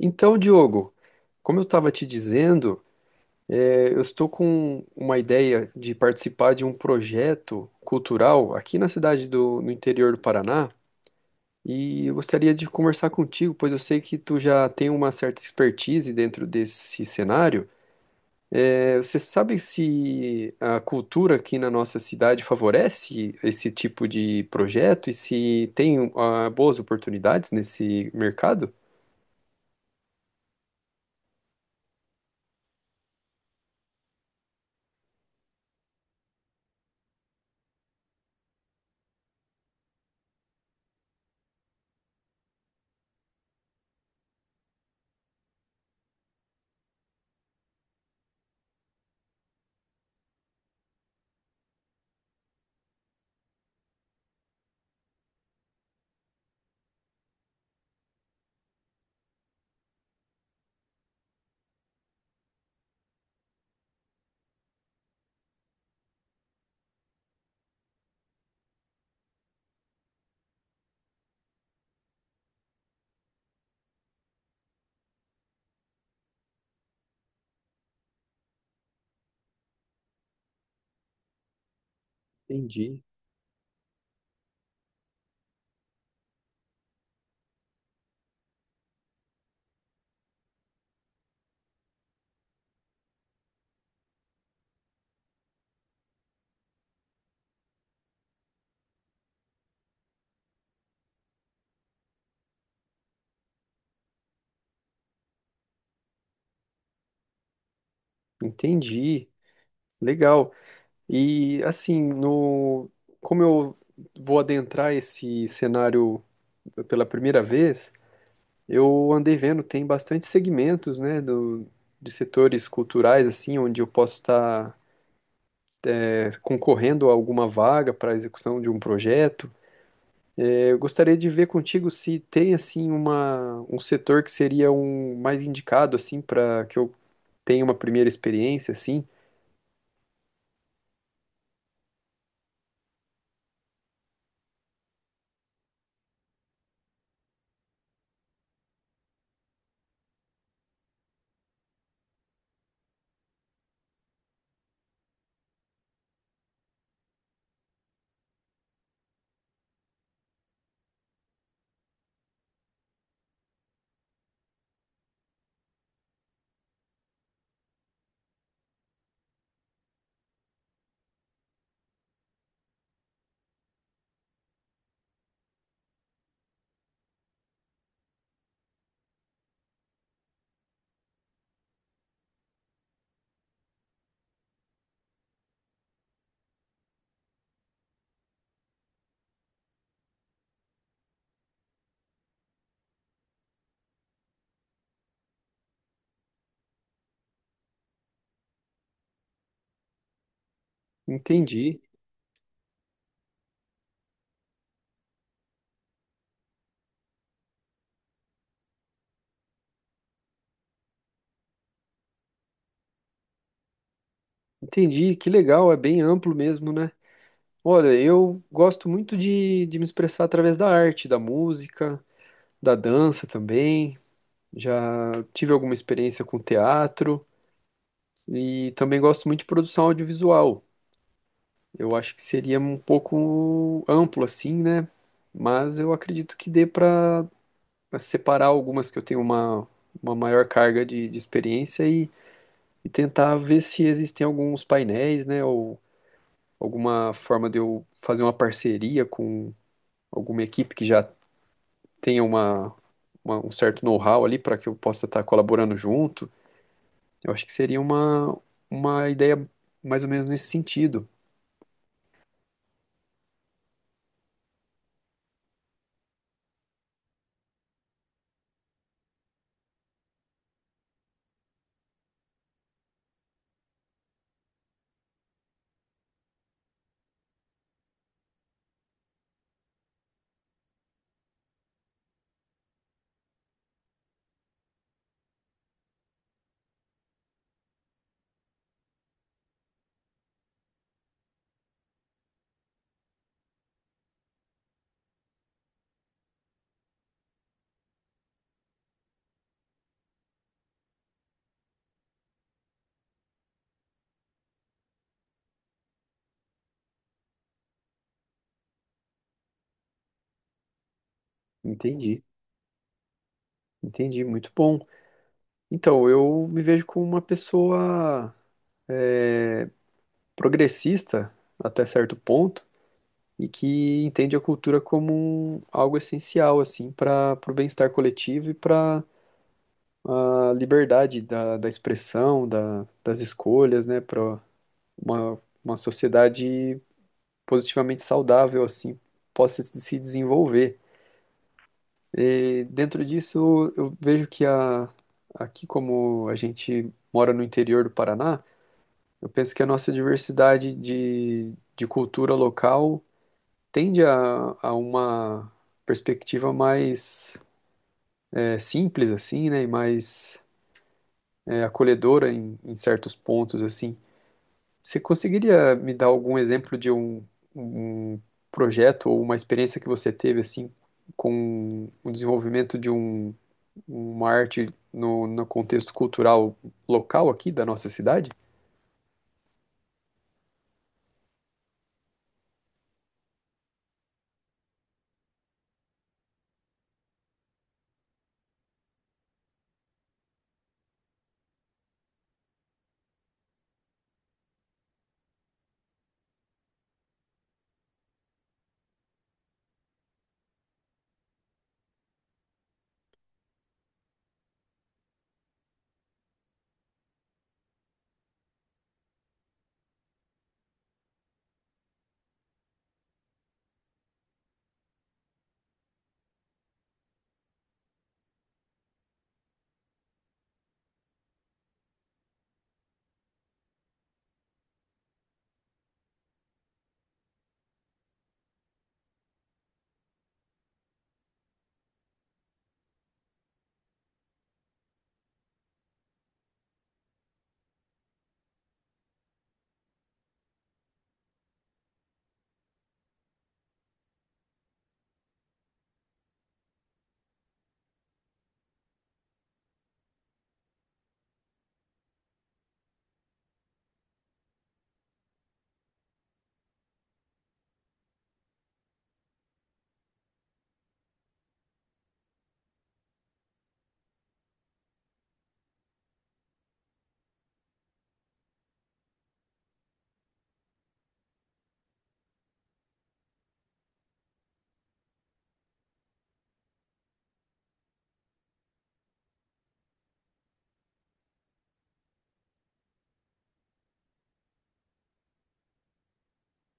Então, Diogo, como eu estava te dizendo, eu estou com uma ideia de participar de um projeto cultural aqui na no interior do Paraná e eu gostaria de conversar contigo, pois eu sei que tu já tem uma certa expertise dentro desse cenário. Você sabe se a cultura aqui na nossa cidade favorece esse tipo de projeto e se tem, ah, boas oportunidades nesse mercado? Entendi. Entendi. Legal. E assim, no como eu vou adentrar esse cenário pela primeira vez, eu andei vendo, tem bastante segmentos, né, de setores culturais assim, onde eu posso estar concorrendo a alguma vaga para a execução de um projeto. É, eu gostaria de ver contigo se tem assim uma um setor que seria um mais indicado assim para que eu tenha uma primeira experiência assim. Entendi. Entendi, que legal, é bem amplo mesmo, né? Olha, eu gosto muito de me expressar através da arte, da música, da dança também. Já tive alguma experiência com teatro e também gosto muito de produção audiovisual. Eu acho que seria um pouco amplo assim, né? Mas eu acredito que dê para separar algumas que eu tenho uma maior carga de experiência e tentar ver se existem alguns painéis, né? Ou alguma forma de eu fazer uma parceria com alguma equipe que já tenha um certo know-how ali para que eu possa estar colaborando junto, eu acho que seria uma ideia mais ou menos nesse sentido. Entendi, entendi, muito bom. Então, eu me vejo como uma pessoa é, progressista até certo ponto e que entende a cultura como algo essencial assim para o bem-estar coletivo e para a liberdade da expressão, das escolhas, né, para uma sociedade positivamente saudável, assim, possa se desenvolver. E dentro disso, eu vejo que aqui, como a gente mora no interior do Paraná, eu penso que a nossa diversidade de cultura local tende a uma perspectiva mais simples, assim, né, e mais acolhedora em certos pontos, assim. Você conseguiria me dar algum exemplo de um projeto ou uma experiência que você teve assim com o desenvolvimento de uma arte no contexto cultural local aqui da nossa cidade?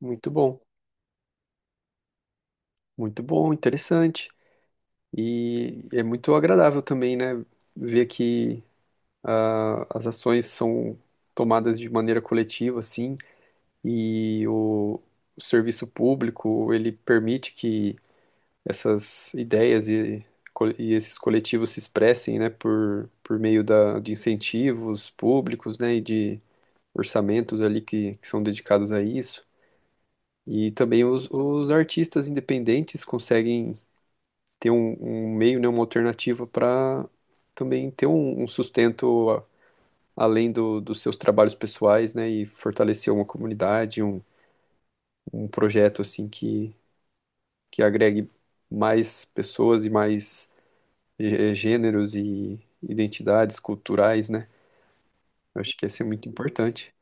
Muito bom, muito bom, interessante. E é muito agradável também, né, ver que ah, as ações são tomadas de maneira coletiva, assim, e o serviço público, ele permite que essas ideias e esses coletivos se expressem, né, por meio de incentivos públicos, né, e de orçamentos ali que são dedicados a isso. E também os artistas independentes conseguem ter um meio, né, uma alternativa para também ter um sustento além dos seus trabalhos pessoais, né, e fortalecer uma comunidade, um projeto assim que agregue mais pessoas e mais gêneros e identidades culturais, né? Eu acho que ia ser muito importante.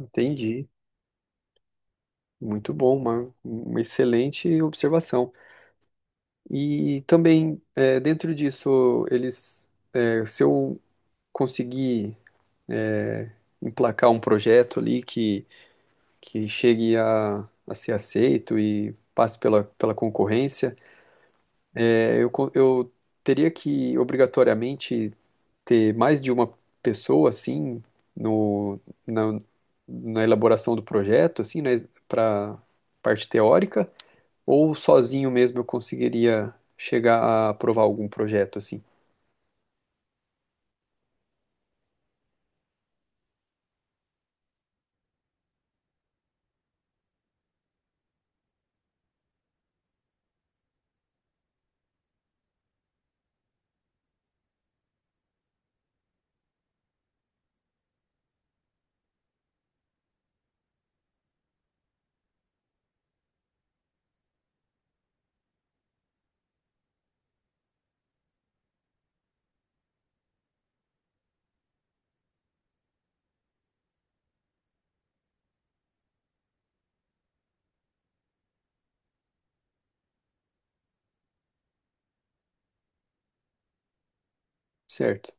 Entendi. Muito bom, uma excelente observação. E também, é, dentro disso, eles, é, se eu conseguir, é, emplacar um projeto ali que chegue a ser aceito e passe pela concorrência, é, eu teria que obrigatoriamente ter mais de uma pessoa assim no, na, na elaboração do projeto, assim, né, para parte teórica, ou sozinho mesmo eu conseguiria chegar a aprovar algum projeto assim. Certo,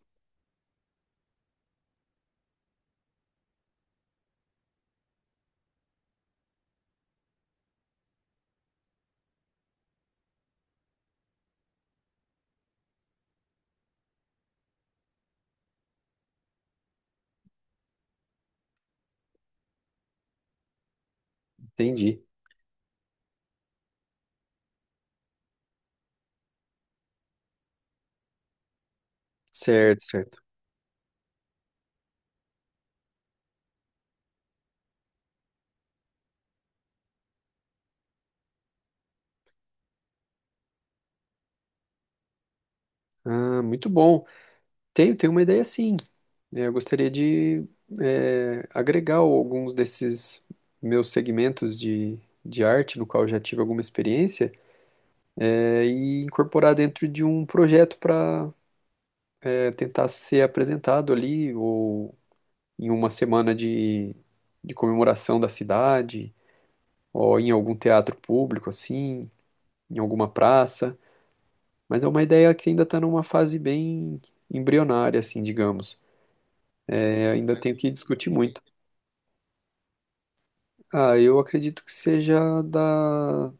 entendi. Certo, certo. Ah, muito bom. Tenho, tenho uma ideia sim. É, eu gostaria de agregar alguns desses meus segmentos de arte, no qual eu já tive alguma experiência, é, e incorporar dentro de um projeto para tentar ser apresentado ali, ou em uma semana de comemoração da cidade, ou em algum teatro público, assim, em alguma praça. Mas é uma ideia que ainda está numa fase bem embrionária, assim, digamos. É, ainda tenho que discutir muito. Ah, eu acredito que seja da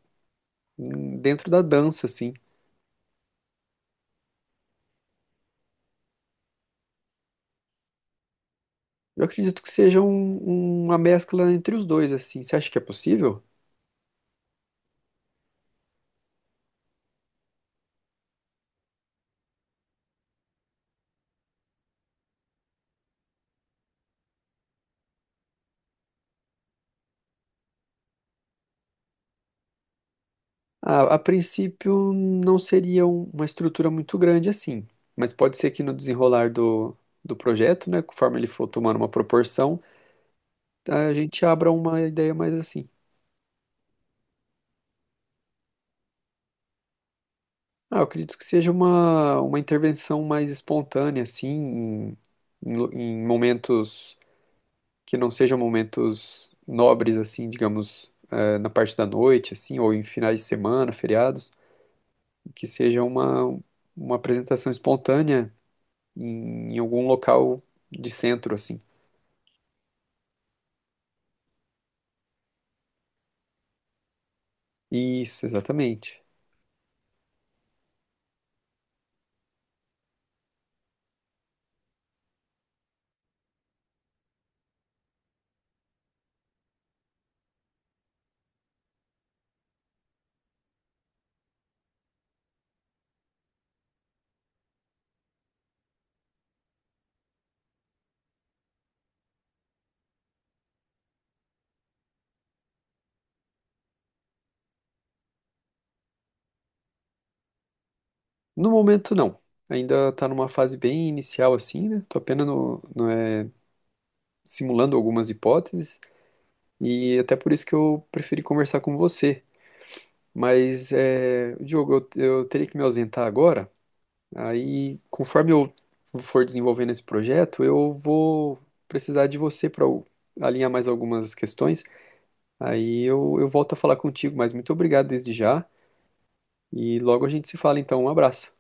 dentro da dança, assim. Eu acredito que seja uma mescla entre os dois, assim. Você acha que é possível? A princípio não seria uma estrutura muito grande assim, mas pode ser que no desenrolar do projeto, né, conforme ele for tomando uma proporção, a gente abra uma ideia mais assim. Ah, eu acredito que seja uma intervenção mais espontânea, assim, em em momentos que não sejam momentos nobres, assim, digamos, na parte da noite, assim, ou em finais de semana, feriados, que seja uma apresentação espontânea em algum local de centro, assim. Isso, exatamente. No momento, não. Ainda está numa fase bem inicial, assim, né? Tô apenas no, no, é, simulando algumas hipóteses e até por isso que eu preferi conversar com você. Mas, é, Diogo, eu teria que me ausentar agora. Aí, conforme eu for desenvolvendo esse projeto, eu vou precisar de você para alinhar mais algumas questões. Aí eu volto a falar contigo, mas muito obrigado desde já. E logo a gente se fala, então. Um abraço.